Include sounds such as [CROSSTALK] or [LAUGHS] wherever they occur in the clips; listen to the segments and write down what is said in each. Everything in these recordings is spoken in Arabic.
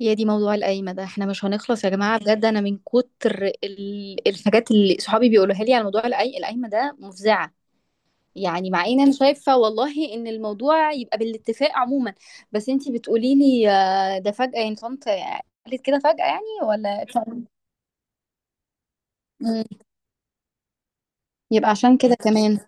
يا دي موضوع القايمة ده احنا مش هنخلص يا جماعة بجد. انا من كتر الحاجات اللي صحابي بيقولوها لي على موضوع القايمة ده مفزعة. يعني مع ان انا شايفة والله ان الموضوع يبقى بالاتفاق عموما، بس انتي بتقولي لي ده فجأة، يعني طنط قالت كده فجأة يعني ولا مم. يبقى عشان كده كمان.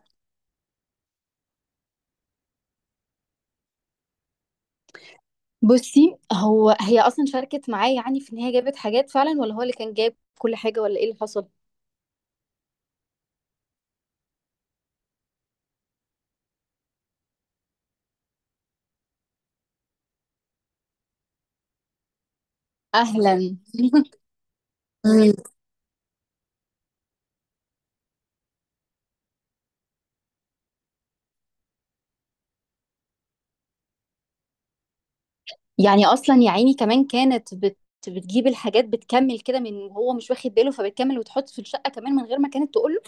بصي، هو هي اصلا شاركت معايا، يعني في ان هي جابت حاجات فعلا ولا هو اللي كان جاب كل حاجة ولا ايه اللي حصل؟ اهلا [LAUGHS] يعني اصلا يا عيني كمان كانت بتجيب الحاجات، بتكمل كده من هو مش واخد باله، فبتكمل وتحط في الشقة كمان من غير ما كانت تقول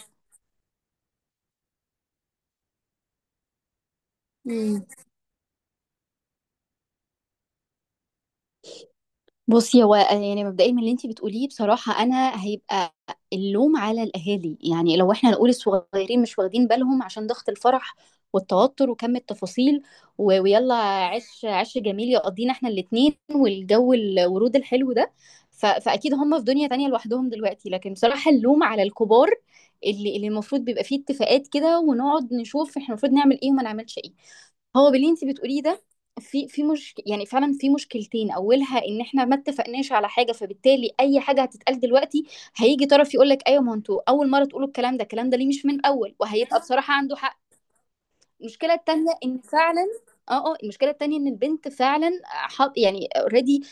له. بصي، هو يعني مبدئيا من اللي انت بتقوليه بصراحة، انا هيبقى اللوم على الاهالي. يعني لو احنا نقول الصغيرين مش واخدين بالهم عشان ضغط الفرح والتوتر وكم التفاصيل ويلا عش عش جميل يقضينا احنا الاتنين، والجو الورود الحلو ده، فاكيد هم في دنيا تانية لوحدهم دلوقتي. لكن بصراحة اللوم على الكبار، اللي المفروض بيبقى فيه اتفاقات كده، ونقعد نشوف احنا المفروض نعمل ايه وما نعملش ايه. هو باللي انت بتقوليه ده في في مش، يعني فعلا في مشكلتين. اولها ان احنا ما اتفقناش على حاجه، فبالتالي اي حاجه هتتقال دلوقتي هيجي طرف يقول لك ايوه، ما انتوا اول مره تقولوا الكلام ده، الكلام ده ليه مش من الاول؟ وهيبقى بصراحه عنده حق. المشكله التانيه ان فعلا اه المشكله التانيه ان البنت فعلا حط، يعني اوريدي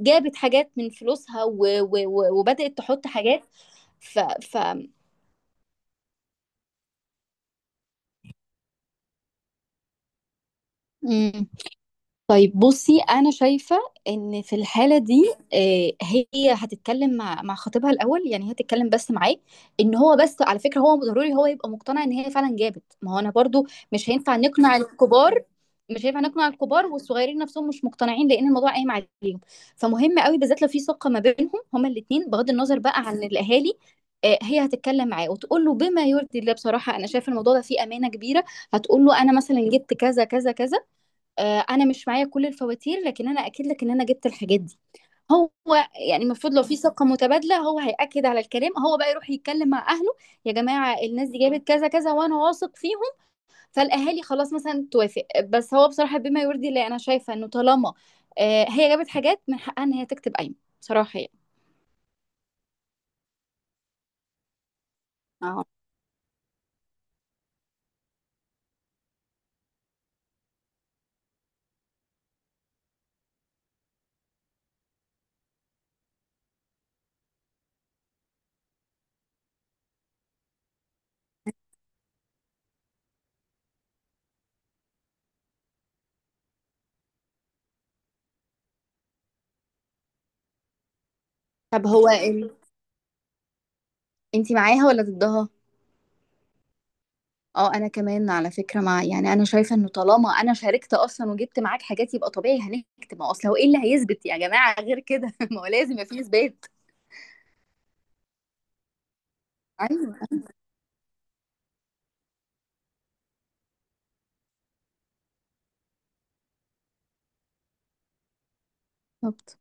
جابت حاجات من فلوسها، و و و وبدات تحط حاجات ف ف طيب. بصي انا شايفه ان في الحاله دي هي هتتكلم مع خطيبها الاول، يعني هي هتتكلم بس معاه، ان هو بس على فكره هو ضروري هو يبقى مقتنع ان هي فعلا جابت. ما هو انا برضو مش هينفع نقنع الكبار، مش هينفع نقنع الكبار والصغيرين نفسهم مش مقتنعين، لان الموضوع قايم عليهم. فمهم قوي بالذات لو في ثقه ما بينهم هما الاثنين بغض النظر بقى عن الاهالي. هي هتتكلم معاه وتقول له بما يرضي الله. بصراحه انا شايفه الموضوع ده فيه امانه كبيره. هتقول له انا مثلا جبت كذا كذا كذا، انا مش معايا كل الفواتير لكن انا اكد لك ان انا جبت الحاجات دي. هو يعني المفروض لو في ثقة متبادلة هو هيأكد على الكلام، هو بقى يروح يتكلم مع أهله. يا جماعة الناس دي جابت كذا كذا وأنا واثق فيهم. فالأهالي خلاص مثلا توافق. بس هو بصراحة بما يرضي الله أنا شايفة إنه طالما هي جابت حاجات من حقها إن هي تكتب قايمة، بصراحة يعني. اه. طب هو انتي معاها ولا ضدها؟ اه انا كمان على فكره مع، يعني انا شايفه انه طالما انا شاركت اصلا وجبت معاك حاجات يبقى طبيعي هنكتب. ما هو اصل هو ايه اللي هيثبت يا جماعه غير كده؟ [LAUGHS] ما هو لازم يبقى فيه اثبات. ايوه بالظبط.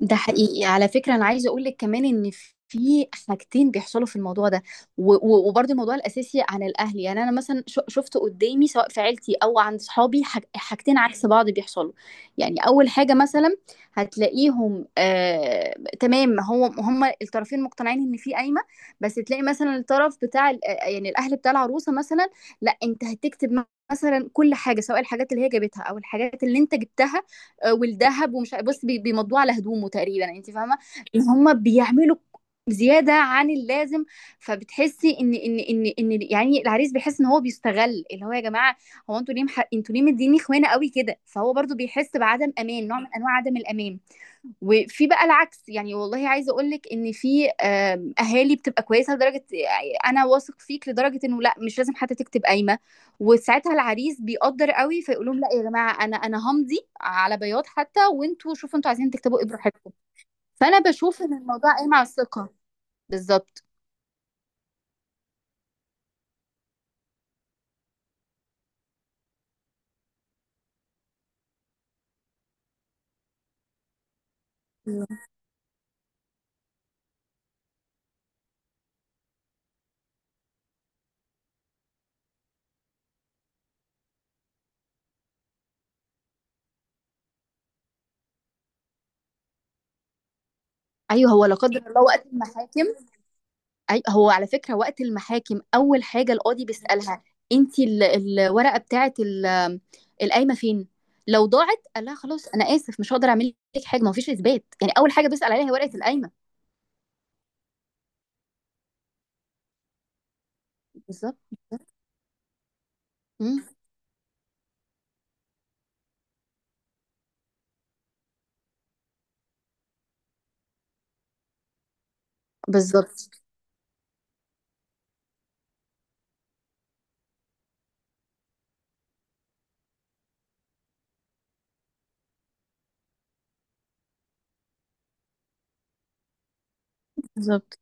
ده حقيقي على فكرة. أنا عايزة أقول لك كمان إن في حاجتين بيحصلوا في الموضوع ده، وبرضه الموضوع الأساسي عن الأهل. يعني أنا مثلا شفت قدامي سواء في عيلتي أو عند صحابي حاجتين عكس بعض بيحصلوا. يعني أول حاجة مثلا هتلاقيهم، آه، تمام هو هما الطرفين مقتنعين إن في قايمة، بس تلاقي مثلا الطرف بتاع يعني الأهل بتاع العروسة مثلا، لا أنت هتكتب مثلا كل حاجة سواء الحاجات اللي هي جابتها أو الحاجات اللي أنت جبتها والذهب ومش بص بيمضوه على هدومه تقريبا، يعني انت فاهمه ان هم بيعملوا زياده عن اللازم. فبتحسي ان يعني العريس بيحس ان هو بيستغل، اللي هو يا جماعه هو انتوا ليه انتوا ليه مديني خوانه قوي كده؟ فهو برضو بيحس بعدم امان، نوع من انواع عدم الامان. وفي بقى العكس، يعني والله عايزه اقول لك ان في اهالي بتبقى كويسه لدرجه، يعني انا واثق فيك لدرجه انه لا مش لازم حتى تكتب قايمه. وساعتها العريس بيقدر قوي فيقول لهم لا يا جماعه، انا انا همضي على بياض حتى، وانتوا شوفوا انتوا عايزين تكتبوا ايه براحتكم. فانا بشوف ان الموضوع قايم على الثقه. بالظبط. مم. ايوه هو لا قدر الله وقت المحاكم، أي، هو على فكرة وقت المحاكم أول حاجة القاضي بيسألها أنت الورقة بتاعة القايمة فين؟ لو ضاعت قال لها خلاص أنا آسف مش هقدر أعمل لك حاجة، ما فيش إثبات. يعني أول حاجة بيسأل عليها هي ورقة القايمة. بالظبط. مم. بالظبط بالظبط.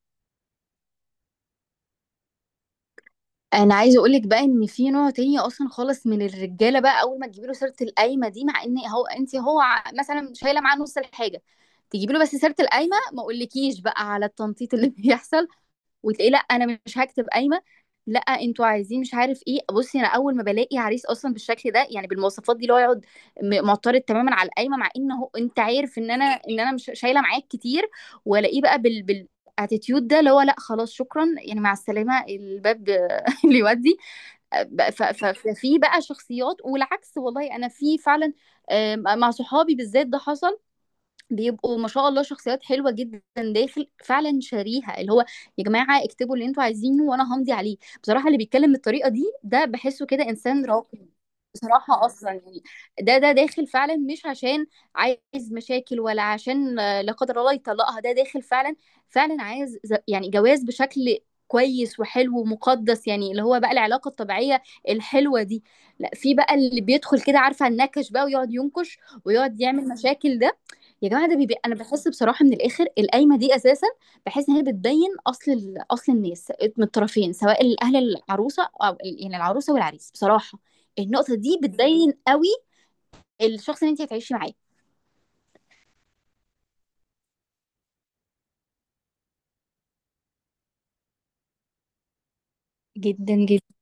أنا عايزة أقول لك بقى إن في نوع تاني أصلا خالص من الرجالة بقى، أول ما تجيبي له سيرة القايمة دي مع إن هو أنت هو مثلا شايلة معاه نص الحاجة، تجيبي له بس سيرة القايمة ما أقولكيش بقى على التنطيط اللي [LAUGHS] بيحصل. وتلاقيه لا انا مش هكتب قايمه، لا انتوا عايزين مش عارف ايه. بصي، انا اول ما بلاقي عريس اصلا بالشكل ده، يعني بالمواصفات دي اللي هو يقعد معترض تماما على القايمه مع ان هو انت عارف ان انا مش شايله معاك كتير، والاقيه بقى بال بال اتيتيود ده اللي هو لا خلاص شكرا، يعني مع السلامه الباب [LAUGHS] اللي يودي. ففي بقى شخصيات، والعكس والله انا في فعلا مع صحابي بالذات ده حصل، بيبقوا ما شاء الله شخصيات حلوه جدا داخل فعلا شاريها، اللي هو يا جماعه اكتبوا اللي انتوا عايزينه وانا همضي عليه. بصراحه اللي بيتكلم بالطريقه دي ده بحسه كده انسان راقي بصراحه اصلا يعني. ده ده داخل فعلا مش عشان عايز مشاكل، ولا عشان لا قدر الله يطلقها، ده داخل فعلا فعلا عايز يعني جواز بشكل كويس وحلو ومقدس، يعني اللي هو بقى العلاقه الطبيعيه الحلوه دي. لا في بقى اللي بيدخل كده عارفه النكش بقى، ويقعد ينكش ويقعد يعمل مشاكل ده. يا جماعه ده انا بحس بصراحه من الاخر القايمه دي اساسا بحس ان هي بتبين اصل اصل الناس من الطرفين، سواء الاهل العروسه او يعني العروسه والعريس. بصراحه النقطه دي بتبين قوي الشخص اللي انت هتعيشي معاه. جدا جدا.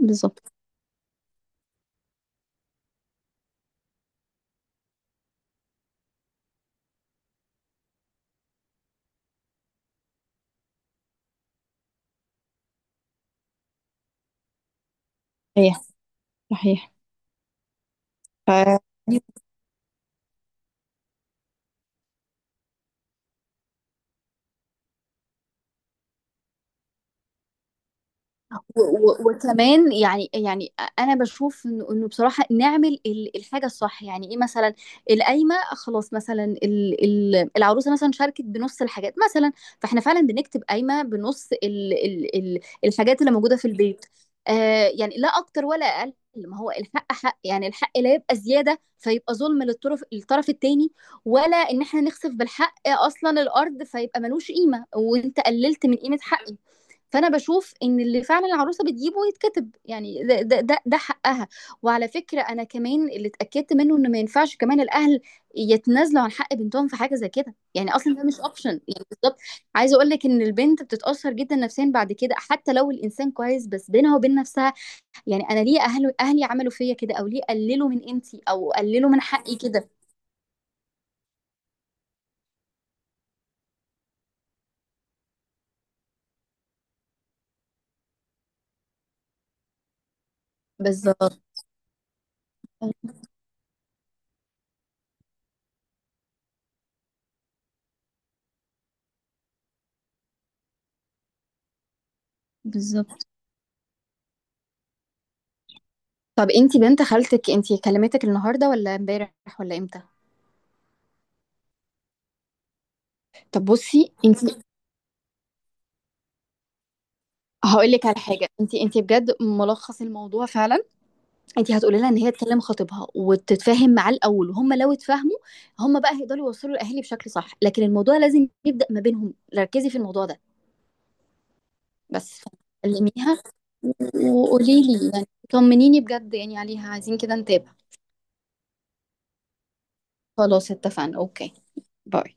بالظبط. صحيح صحيح. ف وكمان، انا بشوف انه إنه بصراحه نعمل الحاجه الصح. يعني ايه مثلا؟ القايمه خلاص مثلا العروسه مثلا شاركت بنص الحاجات مثلا، فاحنا فعلا بنكتب قايمه بنص ال ال ال الحاجات اللي موجوده في البيت. آه، يعني لا اكتر ولا اقل، ما هو الحق حق. يعني الحق لا يبقى زياده فيبقى ظلم الطرف التاني، ولا ان احنا نخسف بالحق اصلا الارض فيبقى ملوش قيمه، وانت قللت من قيمه حقي. فانا بشوف ان اللي فعلا العروسه بتجيبه يتكتب، يعني ده حقها. وعلى فكره انا كمان اللي اتاكدت منه ان ما ينفعش كمان الاهل يتنازلوا عن حق بنتهم في حاجه زي كده، يعني اصلا ده مش اوبشن يعني، بالظبط. عايزه اقول لك ان البنت بتتاثر جدا نفسيا بعد كده حتى لو الانسان كويس، بس بينها وبين نفسها يعني انا ليه اهلي عملوا فيا كده، او ليه قللوا من قيمتي او قللوا من حقي كده؟ بالظبط بالظبط. طب انتي بنت خالتك انتي كلمتك النهارده ولا امبارح ولا امتى؟ طب بصي انت، هاقول لِك على حاجة، أنتِ أنتِ بجد ملخّص الموضوع فعلًا. أنتِ هتقولي لها إن هي تكلّم خطيبها وتتفاهم معاه الأول، وهُم لو اتفاهموا، هُم بقى هيقدروا يوصّلوا الأهالي بشكل صح، لكن الموضوع لازم يبدأ ما بينهم، ركّزي في الموضوع ده. بس كلّميها وقولي لي، يعني طمّنيني بجد يعني عليها، عايزين كده نتابع. خلاص اتفقنا، أوكي، باي.